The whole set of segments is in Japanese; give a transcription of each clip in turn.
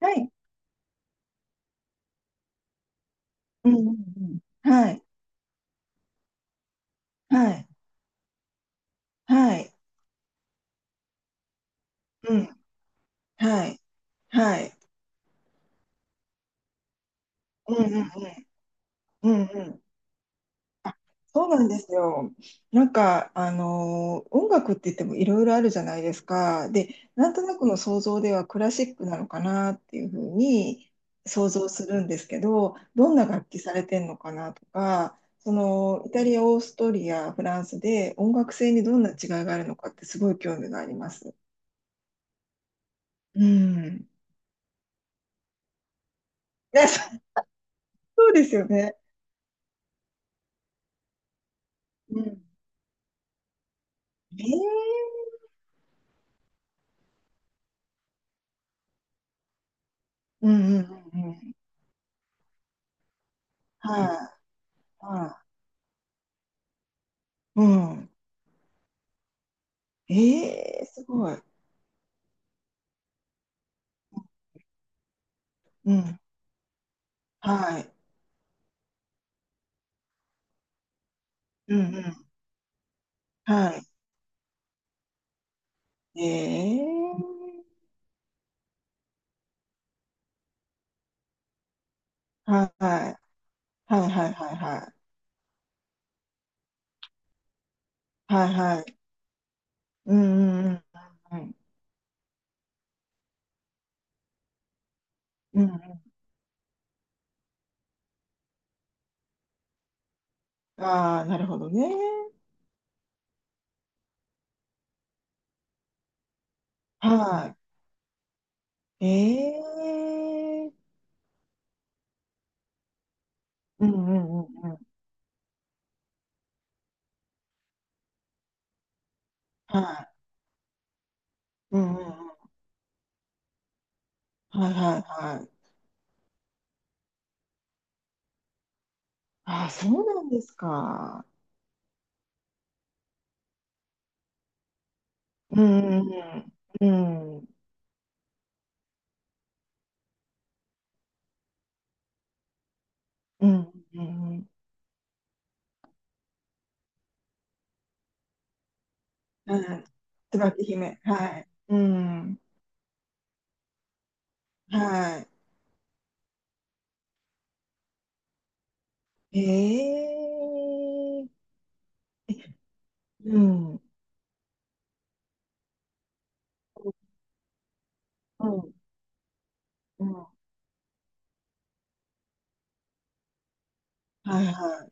はい。うんうんうん。はい。はい。はい。うん。はい。はい。うんうんうん。うんうん。そうなんですよ。音楽って言ってもいろいろあるじゃないですか。で、なんとなくの想像ではクラシックなのかなっていうふうに想像するんですけど、どんな楽器されてんのかなとか、そのイタリア、オーストリア、フランスで音楽性にどんな違いがあるのかってすごい興味があります。うん。ね、そうですよね。うん。ええ。うんうんうんうん。はい、はい。うん。ええ、すごい。うん。はい。うんうん。はい。ええ。はい。はいはいはいはい。はいはい。うんうんうんうん。うんうん。うん。ああ、なるほどね。はい。ええ。うんうんうんうん。はい。うんうんうん。はいはいはい。ああ、そうなんですか。うんうんうん。うん。うん、うん、うん。椿姫。はい。うん、はい。ええ。うん、うん、うん。はいは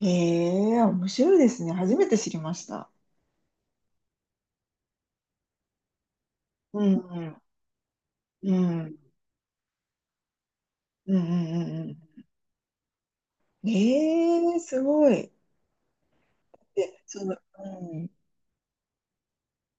い。ええ、面白いですね。初めて知りました。うん、うん、うん、うん、うん、うん。ええ、すごい。で、その、うん。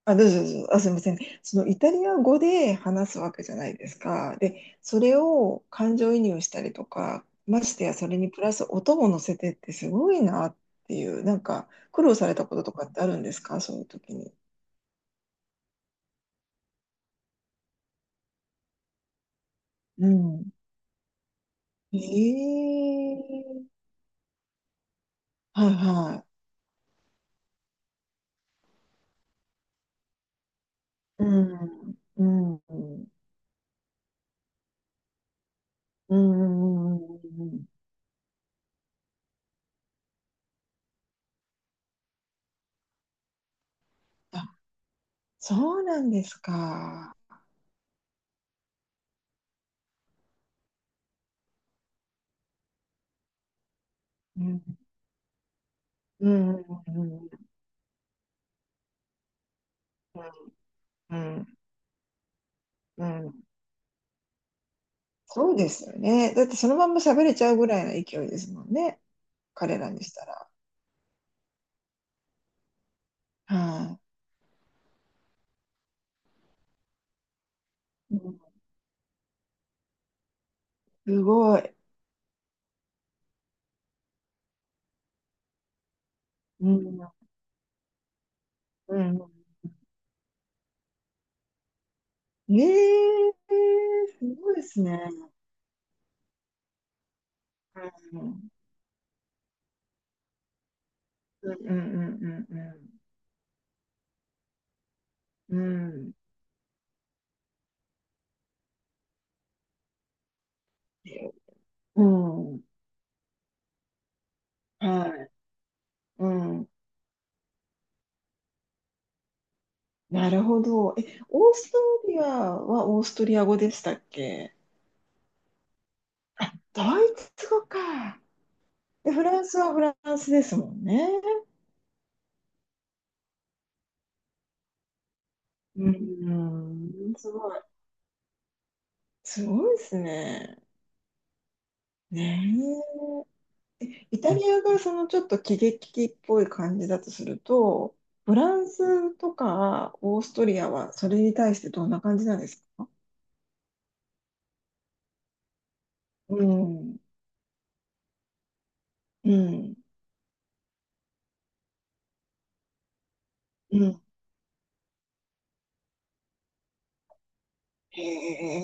あ、どうぞどうぞ。あ、すみません。そのイタリア語で話すわけじゃないですか。で、それを感情移入したりとか、ましてやそれにプラス音も乗せてってすごいなっていう、なんか苦労されたこととかってあるんですか、そういう時に。うん。ええ。はいはい。うん。うん。うん。うん。うんうん。あ、そうなんですか。うん。うん。うん。うん。うん。うん。そうですよね。だってそのまんま喋れちゃうぐらいの勢いですもんね。彼らにしたら。はい、うん。すごい。うん。うん。ええ、すごいですね。うん。うんうんうんうんうん。うん。うん。はい。うん。なるほど。え、オーストリアはオーストリア語でしたっけ？あ、ドイツ語か。で、フランスはフランスですもんね。うん。すごい。すごいですね。ねえ。イタリアがそのちょっと喜劇的っぽい感じだとすると、フランスとかオーストリアはそれに対してどんな感じなんですか？うん。うん。うん。へえ。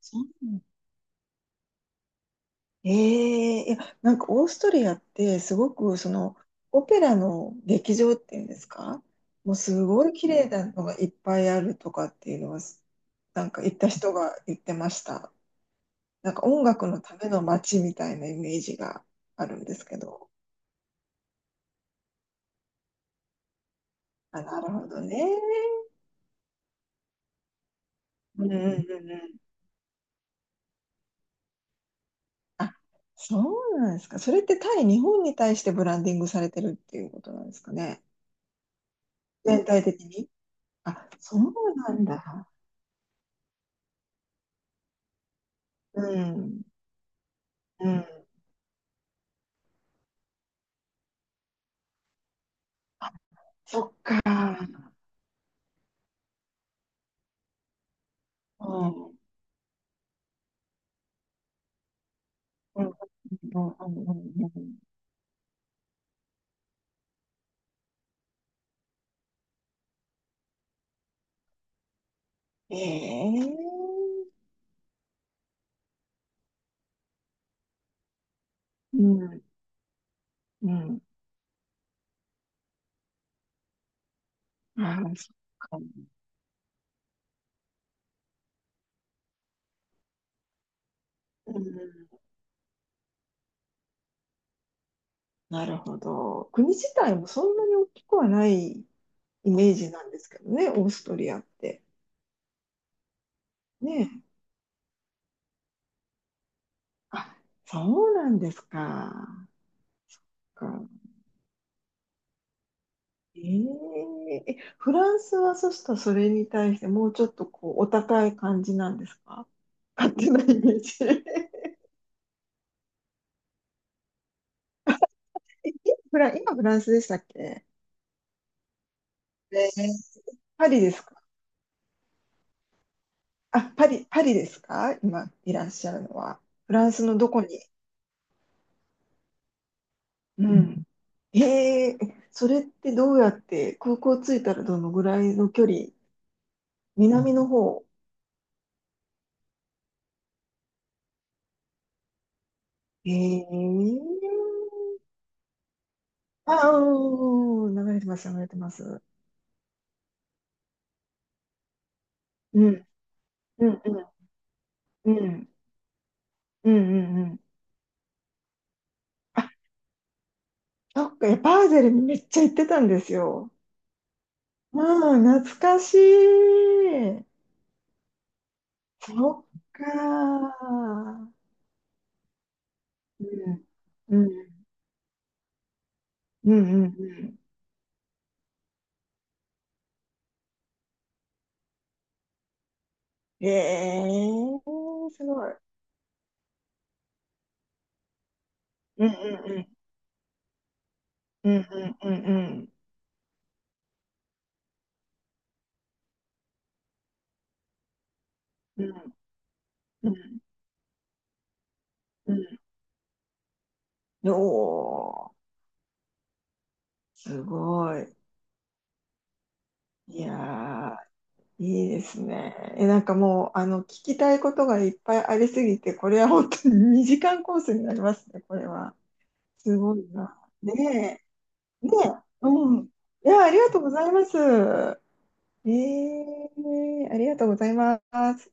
そう。ええ、いや、なんかオーストリアってすごくそのオペラの劇場っていうんですか？もうすごい綺麗なのがいっぱいあるとかっていうのは、なんか行った人が言ってました。なんか音楽のための街みたいなイメージがあるんですけど。あ、なるほどね。うんうんうんうん。あ、そうなんですか。それって対日本に対してブランディングされてるっていうことなんですかね。全体的に。あ、そうなんだ。うん。うん。あ、そっか。うん。うん。うん。うん。うん。うん。ええ。うん。うん。ああ、そっか。うん。なるほど。国自体もそんなに大きくはないイメージなんですけどね、オーストリアって。ねえ。あ、そうなんですか。か。ええ、え、フランスはそしたらそれに対してもうちょっとこうお高い感じなんですか？勝手なイメージ。え、フラ、今フランスでしたっけ？えー、パリですか？あ、パリ、パリですか、今いらっしゃるのは。フランスのどこに。うん。へえ、それってどうやって空港着いたらどのぐらいの距離、南の方。へえ。ああ、うん、流れてます、流れてます。うん、うん、うん、うん、うん、うん。うん。あ、そっか、いやバーゼルめっちゃ行ってたんですよ。うん、懐かしい。そっか。うん。うん。うん。うん。うん。ええー、すごい。うんうんうん。うんうんうんうん。うんうんうん。おー、すごい。いやー、いいですね。え、なんかもう、あの、聞きたいことがいっぱいありすぎて、これは本当に2時間コースになりますね、これは。すごいな。ねえ、ねえ、うん。いや、ありがとうございます。ええー、ありがとうございます。